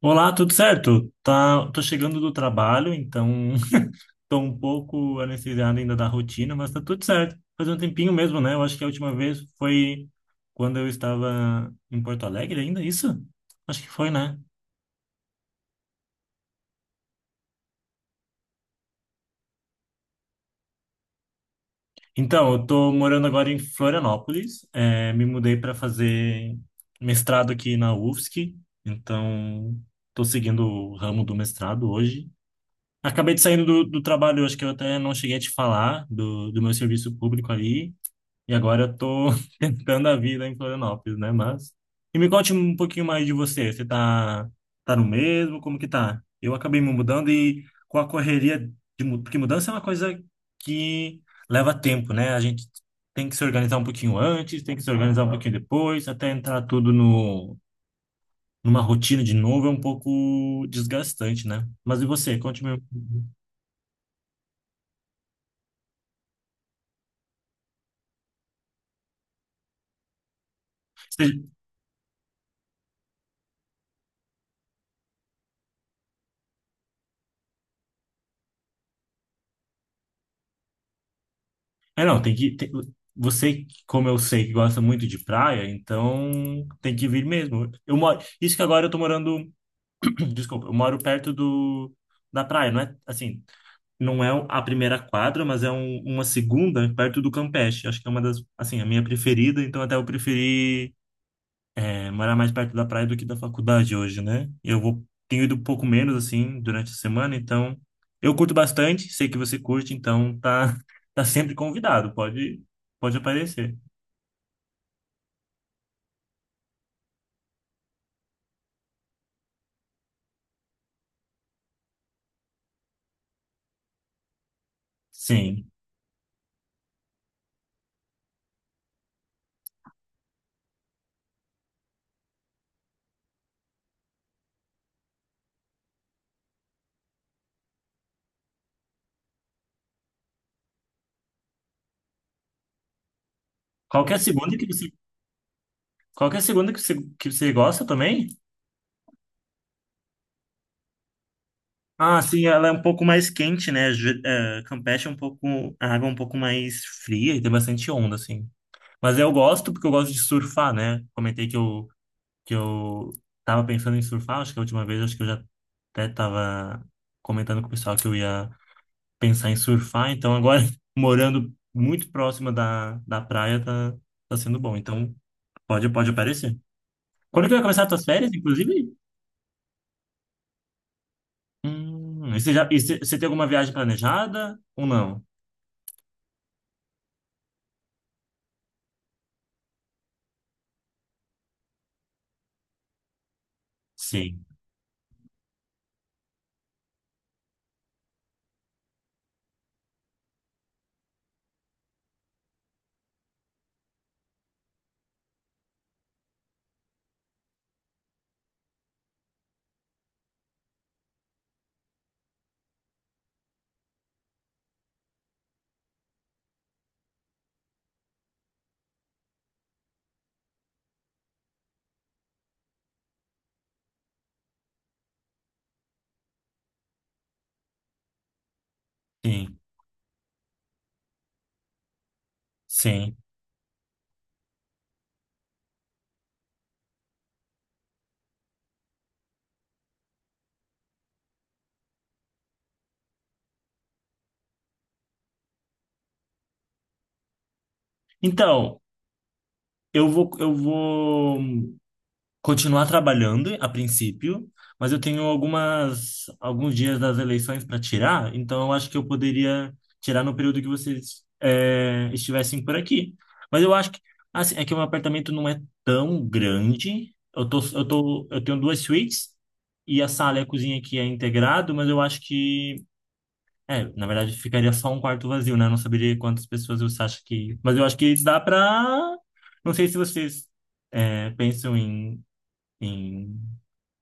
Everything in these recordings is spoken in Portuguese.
Olá, tudo certo? Tá, tô chegando do trabalho, então tô um pouco anestesiado ainda da rotina, mas tá tudo certo. Faz um tempinho mesmo, né? Eu acho que a última vez foi quando eu estava em Porto Alegre ainda, isso? Acho que foi, né? Então, eu tô morando agora em Florianópolis, me mudei para fazer mestrado aqui na UFSC, então tô seguindo o ramo do mestrado hoje. Acabei de saindo do trabalho, eu acho que eu até não cheguei a te falar do meu serviço público ali. E agora eu tô tentando a vida em Florianópolis, né? Mas. E me conte um pouquinho mais de você. Você tá, tá no mesmo? Como que tá? Eu acabei me mudando e com a correria Porque mudança é uma coisa que leva tempo, né? A gente tem que se organizar um pouquinho antes, tem que se organizar um pouquinho depois, até entrar tudo no, numa rotina de novo é um pouco desgastante, né? Mas e você? Conte-me. É, não, tem que. Você, como eu sei que gosta muito de praia, então tem que vir mesmo. Eu moro. Isso que agora eu tô morando. Desculpa, eu moro perto do, da praia, não é? Assim, não é a primeira quadra, mas é uma segunda perto do Campeche. Acho que é uma das. Assim, a minha preferida, então até eu preferi. É, morar mais perto da praia do que da faculdade hoje, né? Eu vou, tenho ido um pouco menos, assim, durante a semana, então eu curto bastante, sei que você curte, então tá, tá sempre convidado, pode, pode aparecer. Sim. Qualquer segunda que você, qualquer segunda que você gosta também? Ah, sim, ela é um pouco mais quente, né? Campeche é um pouco, a água é um pouco mais fria e tem bastante onda, assim. Mas eu gosto porque eu gosto de surfar, né? Comentei que eu tava pensando em surfar, acho que a última vez, acho que eu já até tava comentando com o pessoal que eu ia pensar em surfar, então agora morando muito próxima da praia tá, tá sendo bom, então pode, pode aparecer. Quando que vai começar as tuas férias, inclusive? E você já, e você tem alguma viagem planejada ou não? Sim, sim, sim. Então, eu vou continuar trabalhando a princípio, mas eu tenho algumas alguns dias das eleições para tirar, então eu acho que eu poderia tirar no período que vocês estivessem por aqui. Mas eu acho que assim, é que o meu apartamento não é tão grande. Eu tenho duas suítes e a sala e a cozinha aqui é integrado, mas eu acho que na verdade ficaria só um quarto vazio, né? Eu não saberia quantas pessoas você acha que, mas eu acho que dá para não sei se vocês pensam em em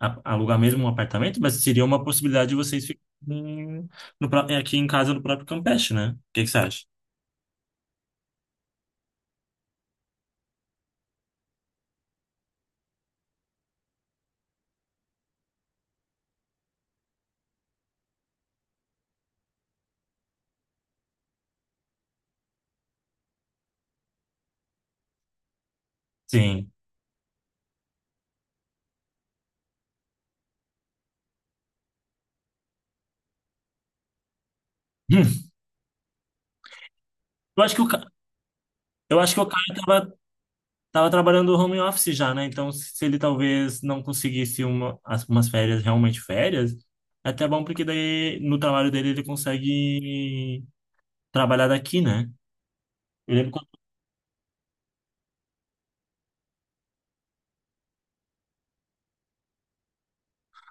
alugar mesmo um apartamento, mas seria uma possibilidade de vocês ficarem no aqui em casa no próprio Campeche, né? O que que você acha? Sim. Hum. Eu acho que o, Ca- eu acho que o cara tava trabalhando home office já, né? Então, se ele talvez não conseguisse umas férias, realmente férias, é até bom porque daí no trabalho dele ele consegue trabalhar daqui, né? Eu lembro quando...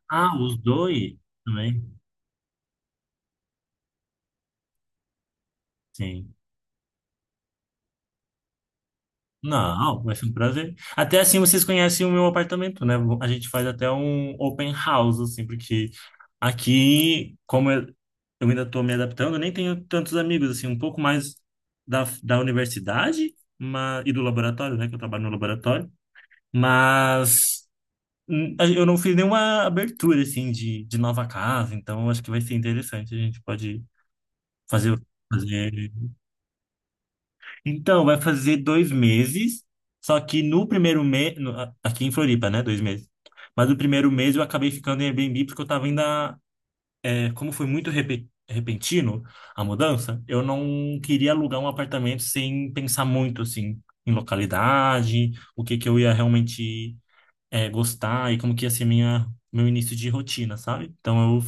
Ah, os dois também. Sim. Não, vai ser um prazer. Até assim vocês conhecem o meu apartamento, né? A gente faz até um open house, assim, porque aqui, como eu ainda estou me adaptando, eu nem tenho tantos amigos, assim, um pouco mais da universidade e do laboratório, né? Que eu trabalho no laboratório. Mas eu não fiz nenhuma abertura, assim, de nova casa, então acho que vai ser interessante. A gente pode fazer, fazer. Então, vai fazer dois meses, só que no primeiro mês, aqui em Floripa, né? Dois meses. Mas no primeiro mês eu acabei ficando em Airbnb porque eu tava ainda, como foi muito repentino a mudança, eu não queria alugar um apartamento sem pensar muito, assim, em localidade, o que que eu ia realmente, gostar e como que ia ser minha, meu início de rotina, sabe? Então eu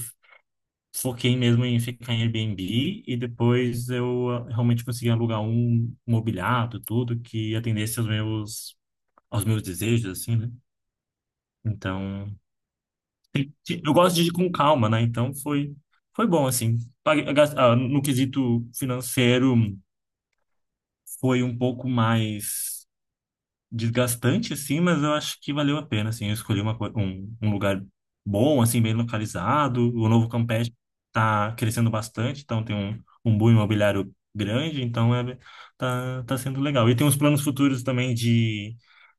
foquei mesmo em ficar em Airbnb e depois eu realmente consegui alugar um mobiliado, tudo que atendesse aos meus desejos assim, né? Então, eu gosto de ir com calma, né? Então foi bom assim. No quesito financeiro foi um pouco mais desgastante, assim, mas eu acho que valeu a pena, assim. Eu escolhi um lugar bom, assim, bem localizado. O Novo Campeche tá crescendo bastante, então tem um boom imobiliário grande, então tá, tá sendo legal. E tem uns planos futuros também de,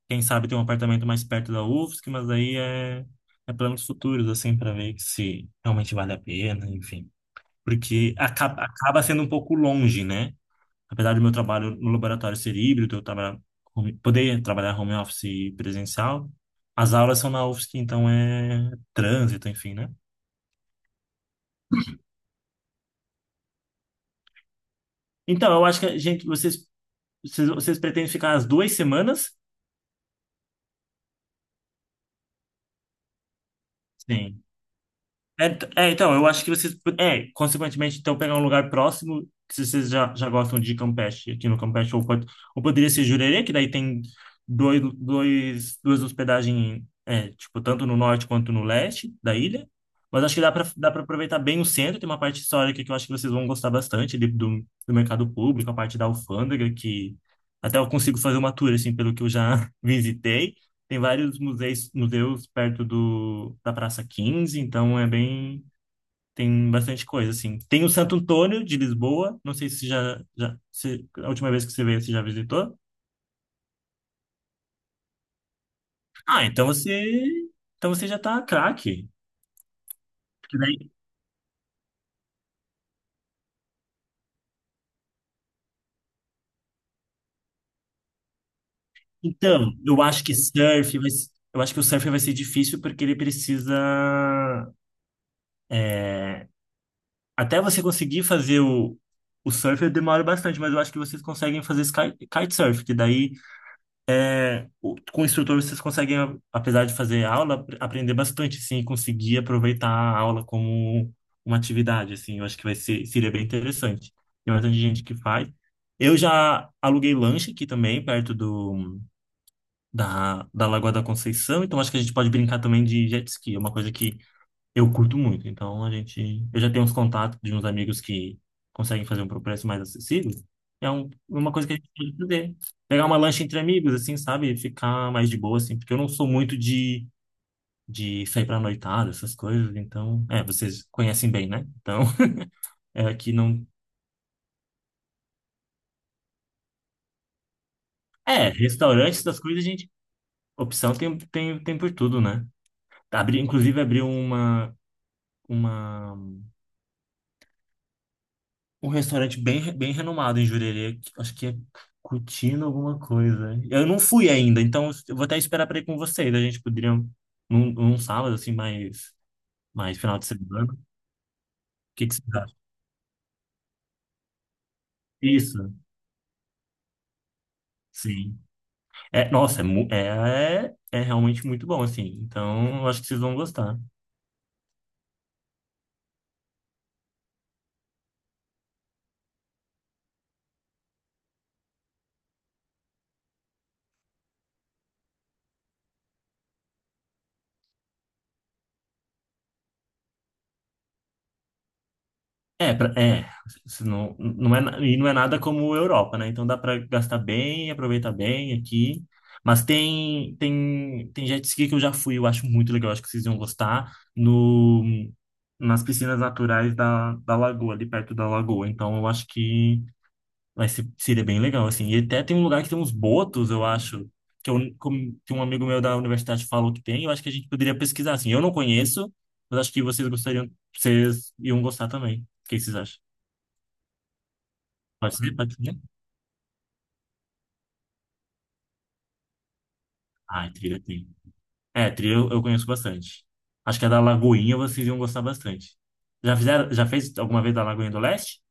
quem sabe, ter um apartamento mais perto da UFSC, mas é planos futuros, assim, para ver se realmente vale a pena, enfim. Porque acaba sendo um pouco longe, né? Apesar do meu trabalho no laboratório ser híbrido, eu trabalhar, poder trabalhar home office e presencial, as aulas são na UFSC, então é trânsito, enfim, né? Então, eu acho que a gente, vocês, vocês, vocês pretendem ficar as duas semanas? Sim. Então, eu acho que vocês. Consequentemente, então, pegar um lugar próximo, que se vocês já, já gostam de Campeche, aqui no Campeche, ou poderia ser Jurerê, que daí tem duas hospedagens, é, tipo, tanto no norte quanto no leste da ilha. Mas acho que dá para aproveitar bem o centro, tem uma parte histórica que eu acho que vocês vão gostar bastante ali do, do mercado público, a parte da alfândega, que até eu consigo fazer uma tour, assim, pelo que eu já visitei. Tem vários museus, museus perto do, da Praça quinze então é bem. Tem bastante coisa, assim. Tem o Santo Antônio de Lisboa, não sei se já se, a última vez que você veio, você já visitou? Ah, então então você já tá craque. Porque daí- Então, eu acho que surf vai, se- eu acho que o surf vai ser difícil porque ele precisa, é, até você conseguir fazer o surf demora bastante, mas eu acho que vocês conseguem fazer sky, kitesurf, que daí é, com o instrutor vocês conseguem, apesar de fazer aula, aprender bastante, sim, e conseguir aproveitar a aula como uma atividade, assim, eu acho que vai ser, seria bem interessante. Tem bastante gente que faz. Eu já aluguei lanche aqui também, perto do, da Lagoa da Conceição, então acho que a gente pode brincar também de jet ski, é uma coisa que eu curto muito, então a gente. Eu já tenho uns contatos de uns amigos que conseguem fazer um pro preço mais acessível. É uma coisa que a gente pode fazer. Pegar uma lancha entre amigos, assim, sabe? Ficar mais de boa, assim, porque eu não sou muito de sair pra noitada, essas coisas, então. É, vocês conhecem bem, né? Então, é aqui não. É, restaurantes, das coisas, a gente. Opção tem por tudo, né? Abri, inclusive, abriu uma. Uma Um restaurante bem, bem renomado em Jurerê. Acho que é Cutino alguma coisa. Eu não fui ainda, então eu vou até esperar para ir com vocês. A gente poderia num sábado, assim, mais final de semana. O que que vocês acham? Isso, sim. É, nossa, é, mu- é, é realmente muito bom, assim. Então, eu acho que vocês vão gostar. É, pra- é, se não, não é, e não é nada como Europa, né? Então dá para gastar bem, aproveitar bem aqui. Mas tem jet ski que eu já fui, eu acho muito legal, acho que vocês iam gostar, no, nas piscinas naturais da lagoa, ali perto da lagoa. Então eu acho que vai ser, seria bem legal, assim. E até tem um lugar que tem uns botos, eu acho, que um amigo meu da universidade falou que tem, eu acho que a gente poderia pesquisar, assim. Eu não conheço, mas acho que vocês gostariam, vocês iam gostar também. O que vocês acham? Pode ser? Pode ser? Ah, trilha tem. Trilha eu conheço bastante. Acho que a da Lagoinha vocês iam gostar bastante. Já fizeram, já fez alguma vez da Lagoinha do Leste?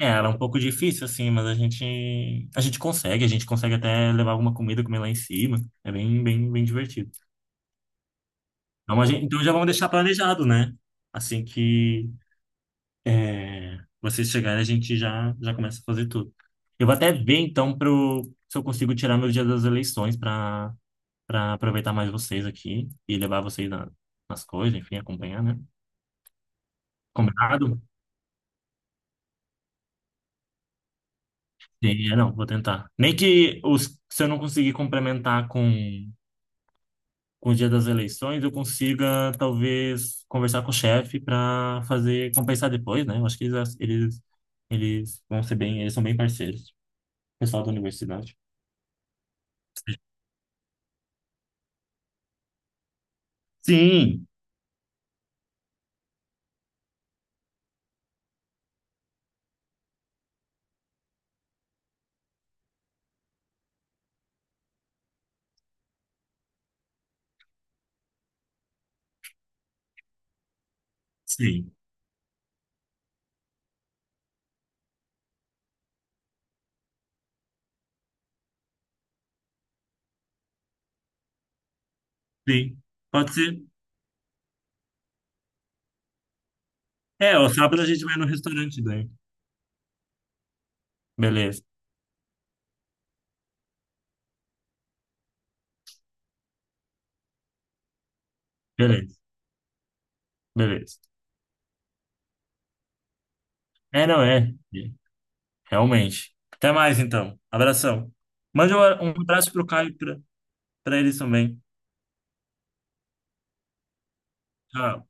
É, ela é um pouco difícil, assim, a gente consegue até levar alguma comida, comer lá em cima. É bem, bem, bem divertido. Então, então já vamos deixar planejado, né? Assim que vocês chegarem, já começa a fazer tudo. Eu vou até ver, então, se eu consigo tirar meu dia das eleições para aproveitar mais vocês aqui e levar vocês nas coisas, enfim, acompanhar, né? Combinado? Sim, é, não, vou tentar. Nem que os, se eu não conseguir complementar com o dia das eleições, eu consiga talvez conversar com o chefe para fazer compensar depois, né? Eu acho que eles vão ser bem, eles são bem parceiros, pessoal da universidade. Sim, sim, sim. Pode ser. É, o sábado a gente vai no restaurante daí. Beleza, beleza, beleza. É, não é. Realmente. Até mais, então. Abração. Mande um abraço pro Caio pra eles também. Tchau.